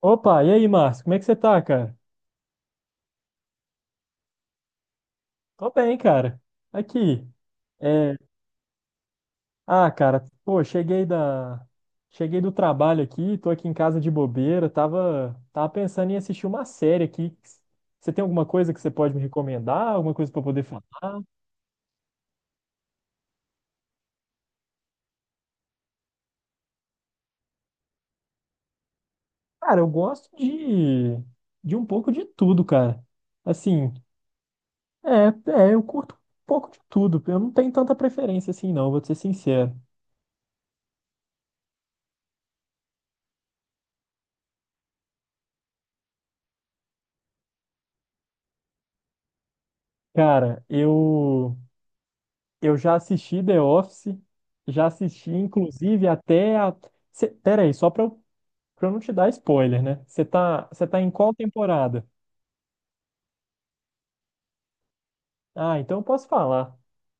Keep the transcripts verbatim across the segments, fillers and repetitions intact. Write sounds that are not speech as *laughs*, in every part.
Opa, e aí, Márcio? Como é que você tá, cara? Tô bem, cara. Aqui. É... Ah, cara, pô, cheguei da... Cheguei do trabalho aqui, tô aqui em casa de bobeira, tava... tava pensando em assistir uma série aqui. Você tem alguma coisa que você pode me recomendar? Alguma coisa pra eu poder falar? Cara, eu gosto de... de um pouco de tudo, cara. Assim, é, é, eu curto um pouco de tudo. Eu não tenho tanta preferência assim, não, vou te ser sincero. Cara, eu... Eu já assisti The Office, já assisti, inclusive, até a. Cê... Pera aí, só pra eu, pra eu não te dar spoiler, né? Você tá... Você tá em qual temporada? Ah, então eu posso falar.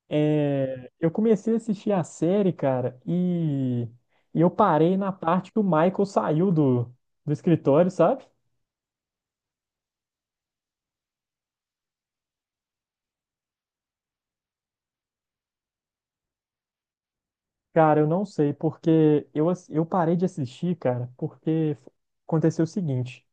É, eu comecei a assistir a série, cara, e... e eu parei na parte que o Michael saiu do, do escritório, sabe? Cara, eu não sei, porque eu, ass- eu parei de assistir, cara, porque aconteceu o seguinte.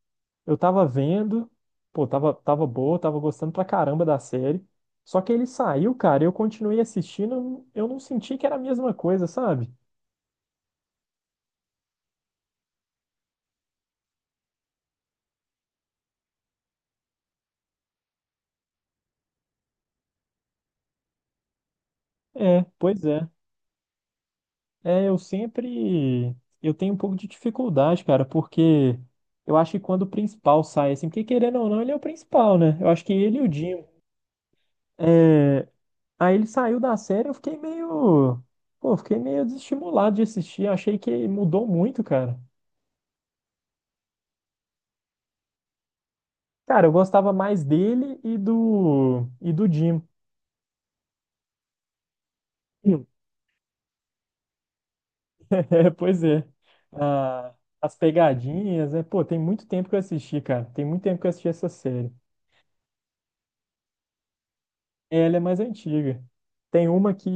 Eu tava vendo, pô, tava, tava boa, tava gostando pra caramba da série. Só que ele saiu, cara, eu continuei assistindo, eu não senti que era a mesma coisa, sabe? É, pois é. É, eu sempre. Eu tenho um pouco de dificuldade, cara, porque eu acho que quando o principal sai, assim, porque querendo ou não, ele é o principal, né? Eu acho que ele e o Jim. É, aí ele saiu da série, eu fiquei meio. Pô, eu fiquei meio desestimulado de assistir. Achei que mudou muito, cara. Cara, eu gostava mais dele e do e do Jim. Hum. *laughs* É, pois é. Ah, as pegadinhas, né? Pô, tem muito tempo que eu assisti, cara. Tem muito tempo que eu assisti essa série. Ela é mais antiga. Tem uma que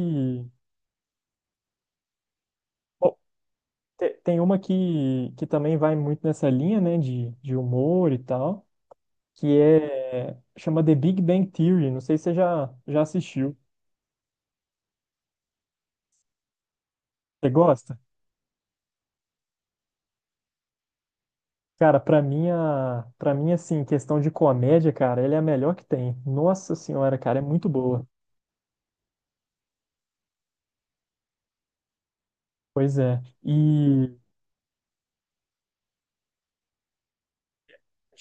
bom, te- tem uma que, que também vai muito nessa linha, né, de, de humor e tal, que é chama The Big Bang Theory. Não sei se você já já assistiu. Você gosta? Cara, pra mim, a... pra mim, assim, questão de comédia, cara, ele é a melhor que tem. Nossa senhora, cara, é muito boa. Pois é. E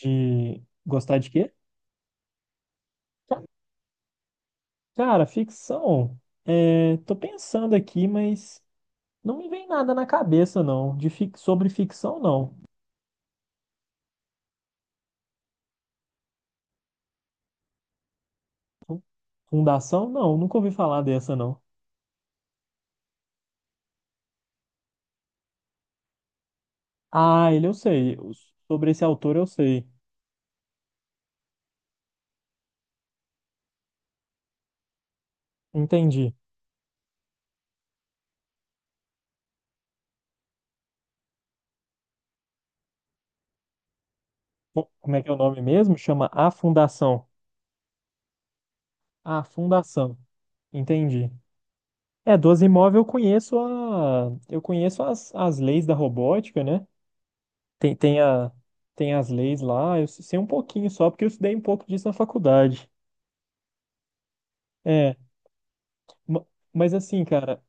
de gostar de quê? Ca- Cara, ficção. É... Tô pensando aqui, mas não me vem nada na cabeça, não. De fic... Sobre ficção, não. Fundação, não. Nunca ouvi falar dessa, não. Ah, ele eu sei. Os- Sobre esse autor eu sei. Entendi. Co- Como é que é o nome mesmo? Chama A Fundação. A Fundação. Entendi. É, doze imóvel. Eu conheço a, eu conheço as, as leis da robótica, né? Tem, tem, a, Tem as leis lá, eu sei um pouquinho só, porque eu estudei um pouco disso na faculdade. É, ma- mas assim, cara,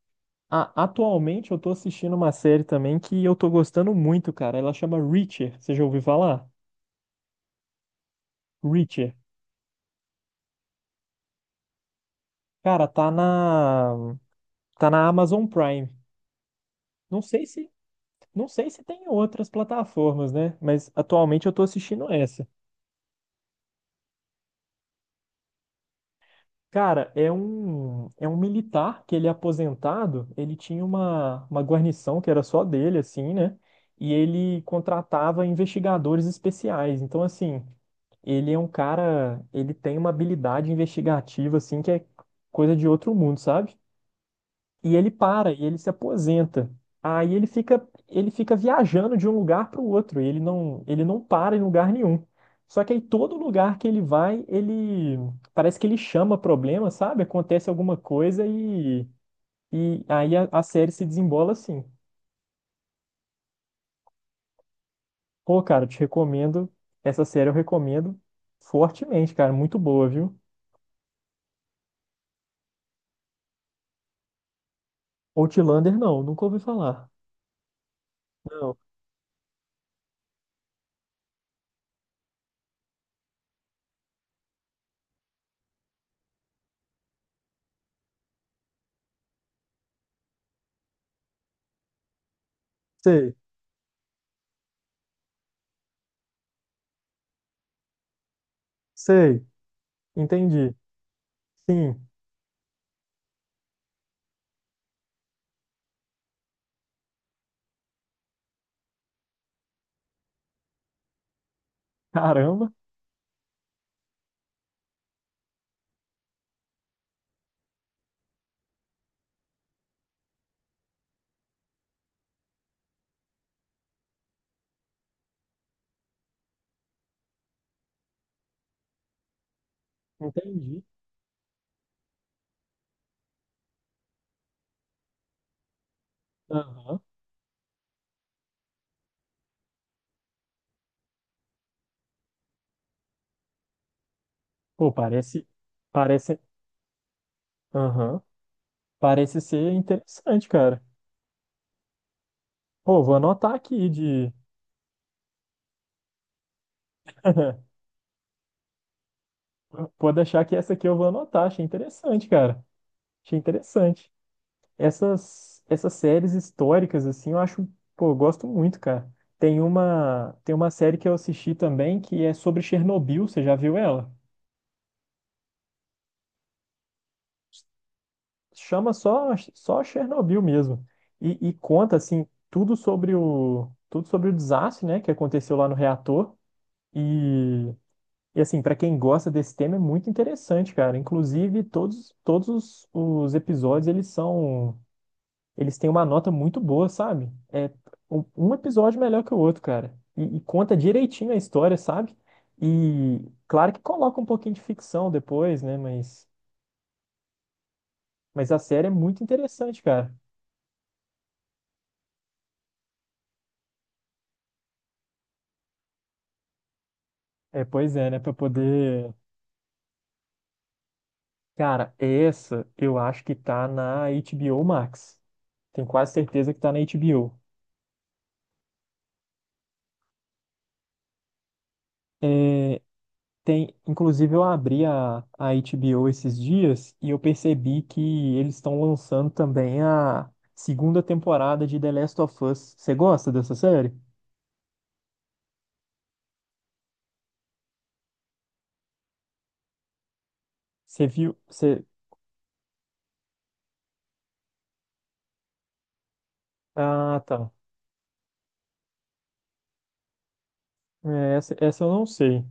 a- atualmente eu tô assistindo uma série também que eu tô gostando muito, cara. Ela chama Reacher, você já ouviu falar? Reacher. Cara, tá na, tá na Amazon Prime. Não sei se, não sei se tem outras plataformas, né? Mas atualmente eu tô assistindo essa. Cara, é um, é um militar que ele é aposentado, ele tinha uma, uma guarnição que era só dele, assim, né? E ele contratava investigadores especiais. Então, assim, ele é um cara, ele tem uma habilidade investigativa, assim, que é coisa de outro mundo, sabe? E ele para, e ele se aposenta. Aí ele fica, ele fica viajando de um lugar para o outro. Ele não, ele não para em lugar nenhum. Só que aí todo lugar que ele vai, ele parece que ele chama problema, sabe? Acontece alguma coisa e, e aí a, a série se desembola assim. Pô, cara, eu te recomendo. Essa série eu recomendo fortemente, cara. Muito boa, viu? Outlander, não, nunca ouvi falar. Não, sei, sei, entendi. Sim, caramba, entendi. Aham. Pô, parece, parece, aham, parece ser interessante, cara. Pô, vou anotar aqui de, *laughs* pode deixar que essa aqui eu vou anotar, achei interessante, cara. Achei interessante. Essas, essas séries históricas, assim, eu acho, pô, eu gosto muito, cara. Tem uma, tem uma série que eu assisti também que é sobre Chernobyl, você já viu ela? Chama só, só Chernobyl mesmo. E, e conta, assim, tudo sobre o, tudo sobre o desastre, né, que aconteceu lá no reator. E e assim, pra quem gosta desse tema é muito interessante, cara. Inclusive, todos, todos os, os episódios, eles são, eles têm uma nota muito boa, sabe? É um, um episódio melhor que o outro, cara. E, e conta direitinho a história, sabe? E claro que coloca um pouquinho de ficção depois, né? Mas, mas a série é muito interessante, cara. É, pois é, né? Pra poder. Cara, essa eu acho que tá na H B O Max. Tenho quase certeza que tá na H B O. É, tem, inclusive eu abri a, a H B O esses dias e eu percebi que eles estão lançando também a segunda temporada de The Last of Us. Você gosta dessa série? Você viu? Você... Ah, tá. É, essa, essa eu não sei.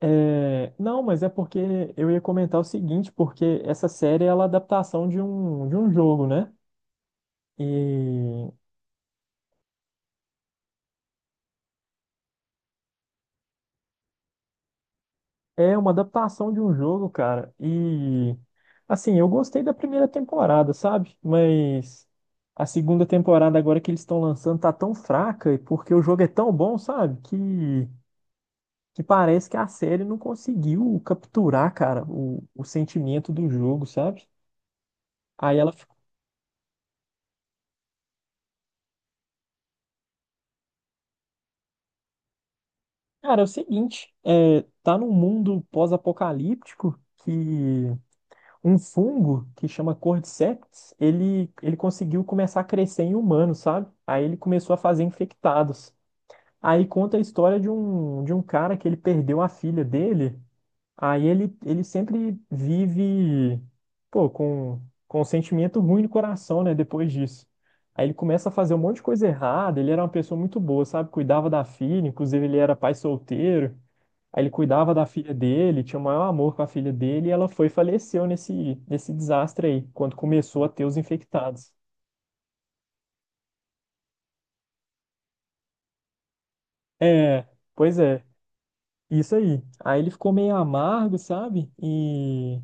É, não, mas é porque eu ia comentar o seguinte, porque essa série ela é a adaptação de um, de um jogo, né? E é uma adaptação de um jogo, cara. E assim, eu gostei da primeira temporada, sabe? Mas a segunda temporada agora que eles estão lançando tá tão fraca e porque o jogo é tão bom, sabe? Que que parece que a série não conseguiu capturar, cara, o, o sentimento do jogo, sabe? Aí ela ficou, cara, é o seguinte, é, tá num mundo pós-apocalíptico que um fungo que chama Cordyceps, ele, ele conseguiu começar a crescer em humanos, sabe? Aí ele começou a fazer infectados. Aí conta a história de um, de um cara que ele perdeu a filha dele. Aí ele, ele sempre vive, pô, com, com um sentimento ruim no coração, né, depois disso. Aí ele começa a fazer um monte de coisa errada, ele era uma pessoa muito boa, sabe? Cuidava da filha, inclusive ele era pai solteiro. Aí ele cuidava da filha dele, tinha o maior amor com a filha dele, e ela foi e faleceu nesse, nesse desastre aí, quando começou a ter os infectados. É, pois é, isso aí. Aí ele ficou meio amargo, sabe? E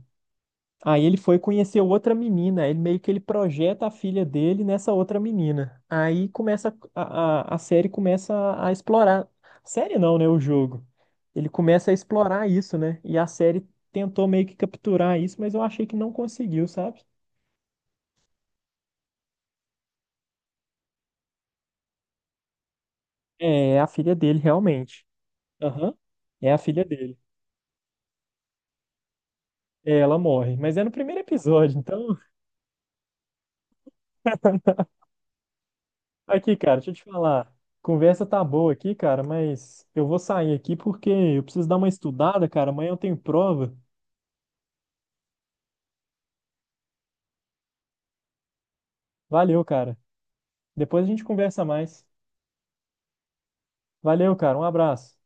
aí ele foi conhecer outra menina, ele meio que ele projeta a filha dele nessa outra menina. Aí começa a, a, a série começa a, a explorar. Série não, né? O jogo. Ele começa a explorar isso, né? E a série tentou meio que capturar isso, mas eu achei que não conseguiu, sabe? É, é a filha dele, realmente. Aham. É a filha dele. É, ela morre. Mas é no primeiro episódio, então. Aqui, cara, deixa eu te falar. Conversa tá boa aqui, cara, mas eu vou sair aqui porque eu preciso dar uma estudada, cara. Amanhã eu tenho prova. Valeu, cara. Depois a gente conversa mais. Valeu, cara. Um abraço.